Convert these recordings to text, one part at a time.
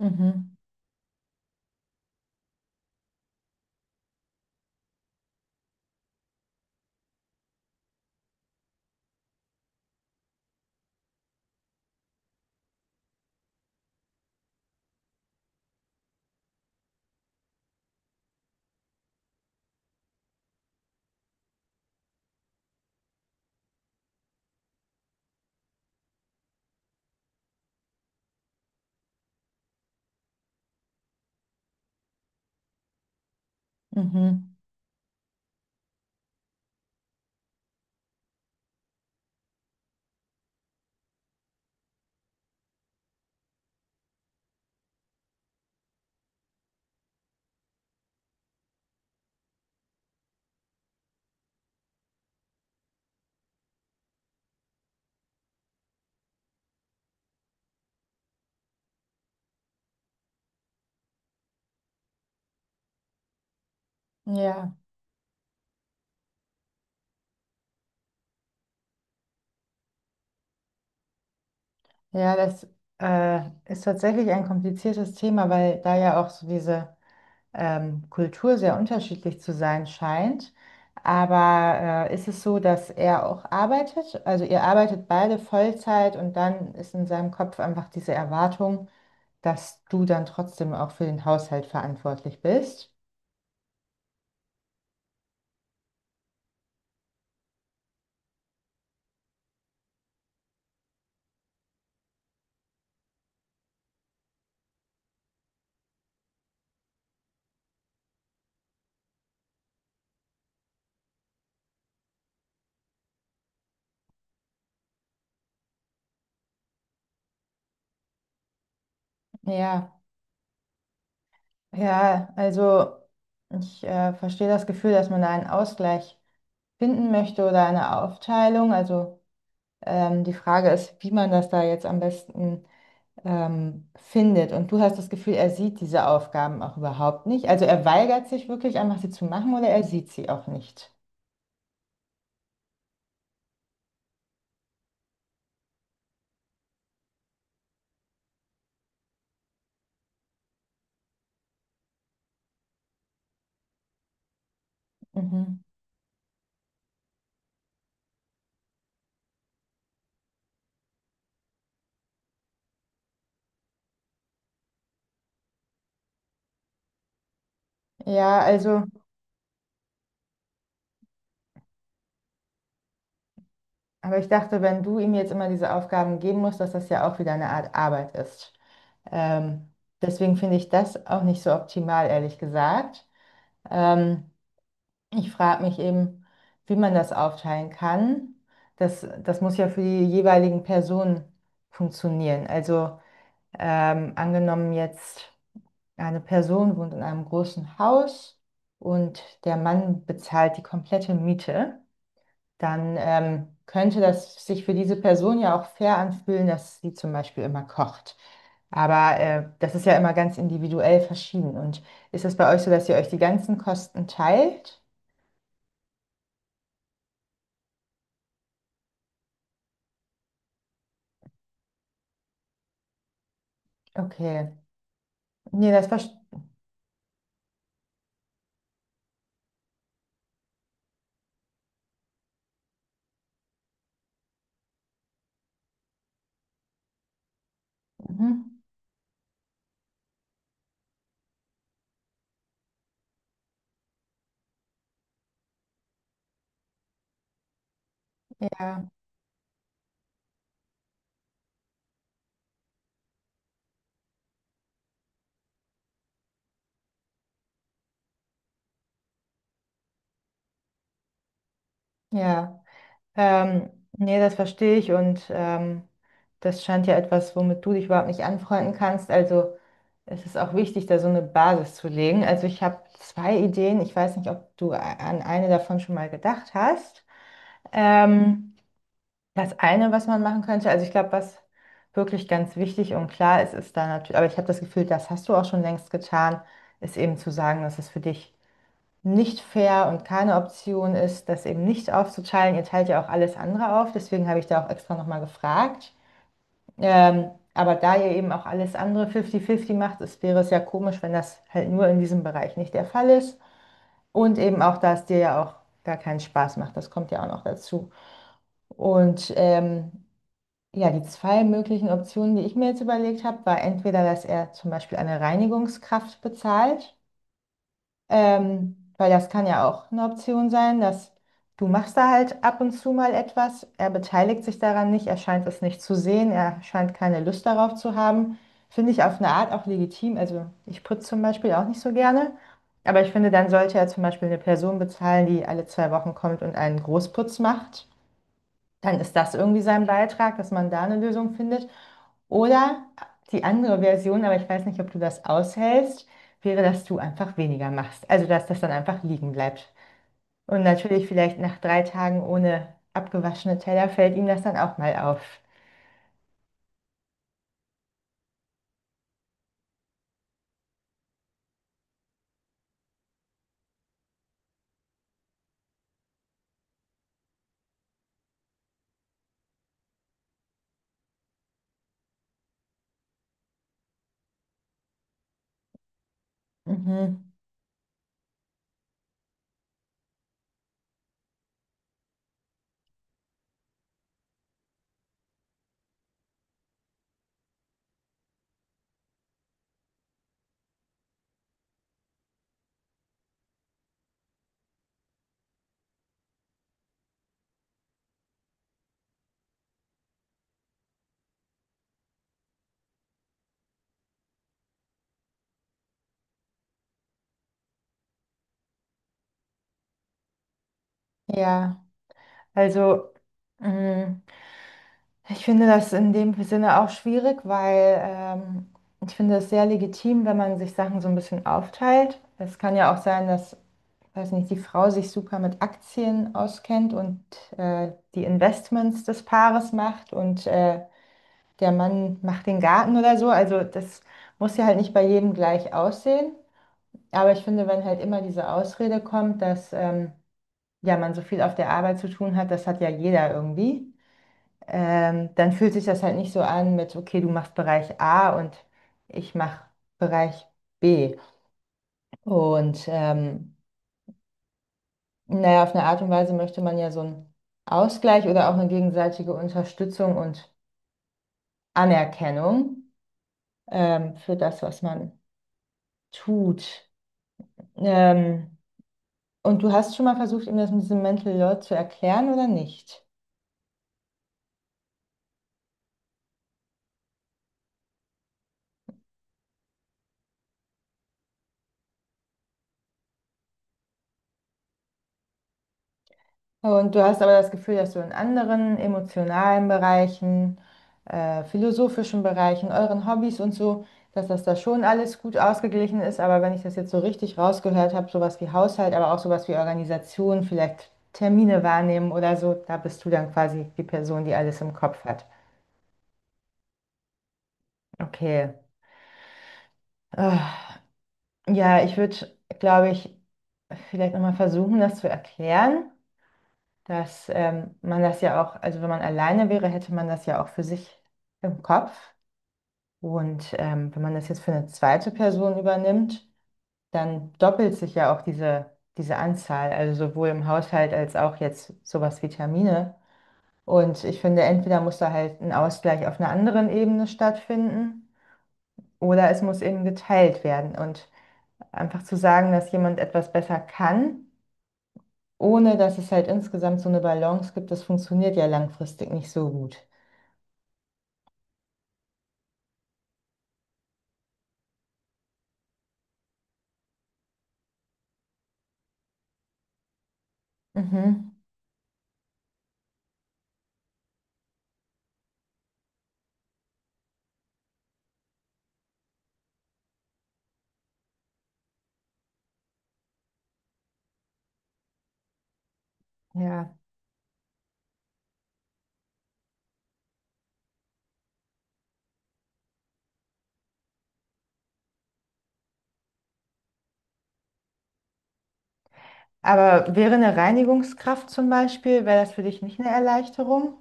Mhm, mhm. Ja, ja, das ist tatsächlich ein kompliziertes Thema, weil da ja auch so diese Kultur sehr unterschiedlich zu sein scheint. Aber ist es so, dass er auch arbeitet? Also ihr arbeitet beide Vollzeit und dann ist in seinem Kopf einfach diese Erwartung, dass du dann trotzdem auch für den Haushalt verantwortlich bist. Ja, ja, also ich verstehe das Gefühl, dass man da einen Ausgleich finden möchte oder eine Aufteilung. Also die Frage ist, wie man das da jetzt am besten findet. Und du hast das Gefühl, er sieht diese Aufgaben auch überhaupt nicht. Also er weigert sich wirklich einfach, sie zu machen oder er sieht sie auch nicht. Mhm. Ja, also, aber ich dachte, wenn du ihm jetzt immer diese Aufgaben geben musst, dass das ja auch wieder eine Art Arbeit ist. Ähm, Deswegen finde ich das auch nicht so optimal, ehrlich gesagt. Ähm, Ich frage mich eben, wie man das aufteilen kann. Das, das muss ja für die jeweiligen Personen funktionieren. Also angenommen jetzt, eine Person wohnt in einem großen Haus und der Mann bezahlt die komplette Miete, dann könnte das sich für diese Person ja auch fair anfühlen, dass sie zum Beispiel immer kocht. Aber das ist ja immer ganz individuell verschieden. Und ist das bei euch so, dass ihr euch die ganzen Kosten teilt? Okay. Nee, das verstehe. Mhm. Ja, ja. Ähm, Nee, das verstehe ich und das scheint ja etwas, womit du dich überhaupt nicht anfreunden kannst. Also es ist auch wichtig, da so eine Basis zu legen. Also ich habe 2 Ideen. Ich weiß nicht, ob du an eine davon schon mal gedacht hast. Ähm, Das eine, was man machen könnte, also ich glaube, was wirklich ganz wichtig und klar ist, ist da natürlich, aber ich habe das Gefühl, das hast du auch schon längst getan, ist eben zu sagen, dass es für dich nicht fair und keine Option ist, das eben nicht aufzuteilen. Ihr teilt ja auch alles andere auf, deswegen habe ich da auch extra nochmal gefragt. Aber da ihr eben auch alles andere 50-50 macht, es wäre es ja komisch, wenn das halt nur in diesem Bereich nicht der Fall ist. Und eben auch, dass dir ja auch gar keinen Spaß macht, das kommt ja auch noch dazu. Und ja, die zwei möglichen Optionen, die ich mir jetzt überlegt habe, war entweder, dass er zum Beispiel eine Reinigungskraft bezahlt. Weil das kann ja auch eine Option sein, dass du machst da halt ab und zu mal etwas. Er beteiligt sich daran nicht, er scheint es nicht zu sehen, er scheint keine Lust darauf zu haben. Finde ich auf eine Art auch legitim. Also ich putze zum Beispiel auch nicht so gerne. Aber ich finde, dann sollte er zum Beispiel eine Person bezahlen, die alle 2 Wochen kommt und einen Großputz macht. Dann ist das irgendwie sein Beitrag, dass man da eine Lösung findet. Oder die andere Version, aber ich weiß nicht, ob du das aushältst, wäre, dass du einfach weniger machst. Also, dass das dann einfach liegen bleibt. Und natürlich vielleicht nach 3 Tagen ohne abgewaschene Teller fällt ihm das dann auch mal auf. Mhm. Ja, also mh, ich finde das in dem Sinne auch schwierig, weil ich finde es sehr legitim, wenn man sich Sachen so ein bisschen aufteilt. Es kann ja auch sein, dass weiß nicht, die Frau sich super mit Aktien auskennt und die Investments des Paares macht und der Mann macht den Garten oder so. Also das muss ja halt nicht bei jedem gleich aussehen. Aber ich finde, wenn halt immer diese Ausrede kommt, dass ja, man so viel auf der Arbeit zu tun hat, das hat ja jeder irgendwie, dann fühlt sich das halt nicht so an mit, okay, du machst Bereich A und ich mache Bereich B. Und naja, auf eine Art und Weise möchte man ja so einen Ausgleich oder auch eine gegenseitige Unterstützung und Anerkennung für das, was man tut. Ähm, und du hast schon mal versucht, ihm das mit diesem Mental Load zu erklären oder nicht? Und du hast aber das Gefühl, dass du in anderen emotionalen Bereichen, philosophischen Bereichen, euren Hobbys und so, dass das da schon alles gut ausgeglichen ist. Aber wenn ich das jetzt so richtig rausgehört habe, sowas wie Haushalt, aber auch sowas wie Organisation, vielleicht Termine wahrnehmen oder so, da bist du dann quasi die Person, die alles im Kopf hat. Okay. Ah, ja, ich würde, glaube ich, vielleicht nochmal versuchen, das zu erklären, dass man das ja auch, also wenn man alleine wäre, hätte man das ja auch für sich im Kopf. Und wenn man das jetzt für eine zweite Person übernimmt, dann doppelt sich ja auch diese, diese Anzahl, also sowohl im Haushalt als auch jetzt sowas wie Termine. Und ich finde, entweder muss da halt ein Ausgleich auf einer anderen Ebene stattfinden oder es muss eben geteilt werden. Und einfach zu sagen, dass jemand etwas besser kann, ohne dass es halt insgesamt so eine Balance gibt, das funktioniert ja langfristig nicht so gut. Mhm. Ja. Aber wäre eine Reinigungskraft zum Beispiel, wäre das für dich nicht eine Erleichterung?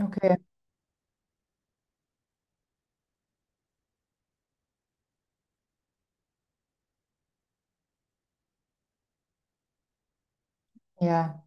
Okay. Ja,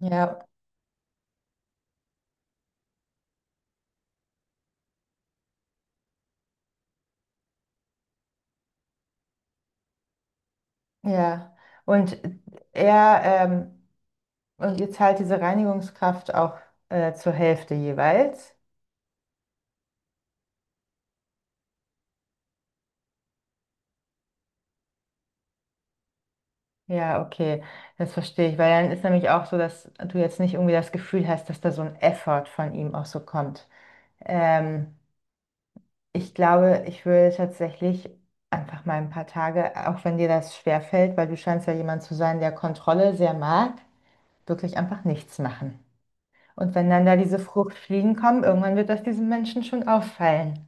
ja, ja. Und er, und ihr zahlt diese Reinigungskraft auch zur Hälfte jeweils? Ja, okay, das verstehe ich, weil dann ist nämlich auch so, dass du jetzt nicht irgendwie das Gefühl hast, dass da so ein Effort von ihm auch so kommt. Ähm, Ich glaube, ich würde tatsächlich einfach mal ein paar Tage, auch wenn dir das schwerfällt, weil du scheinst ja jemand zu sein, der Kontrolle sehr mag, wirklich einfach nichts machen. Und wenn dann da diese Fruchtfliegen kommen, irgendwann wird das diesen Menschen schon auffallen.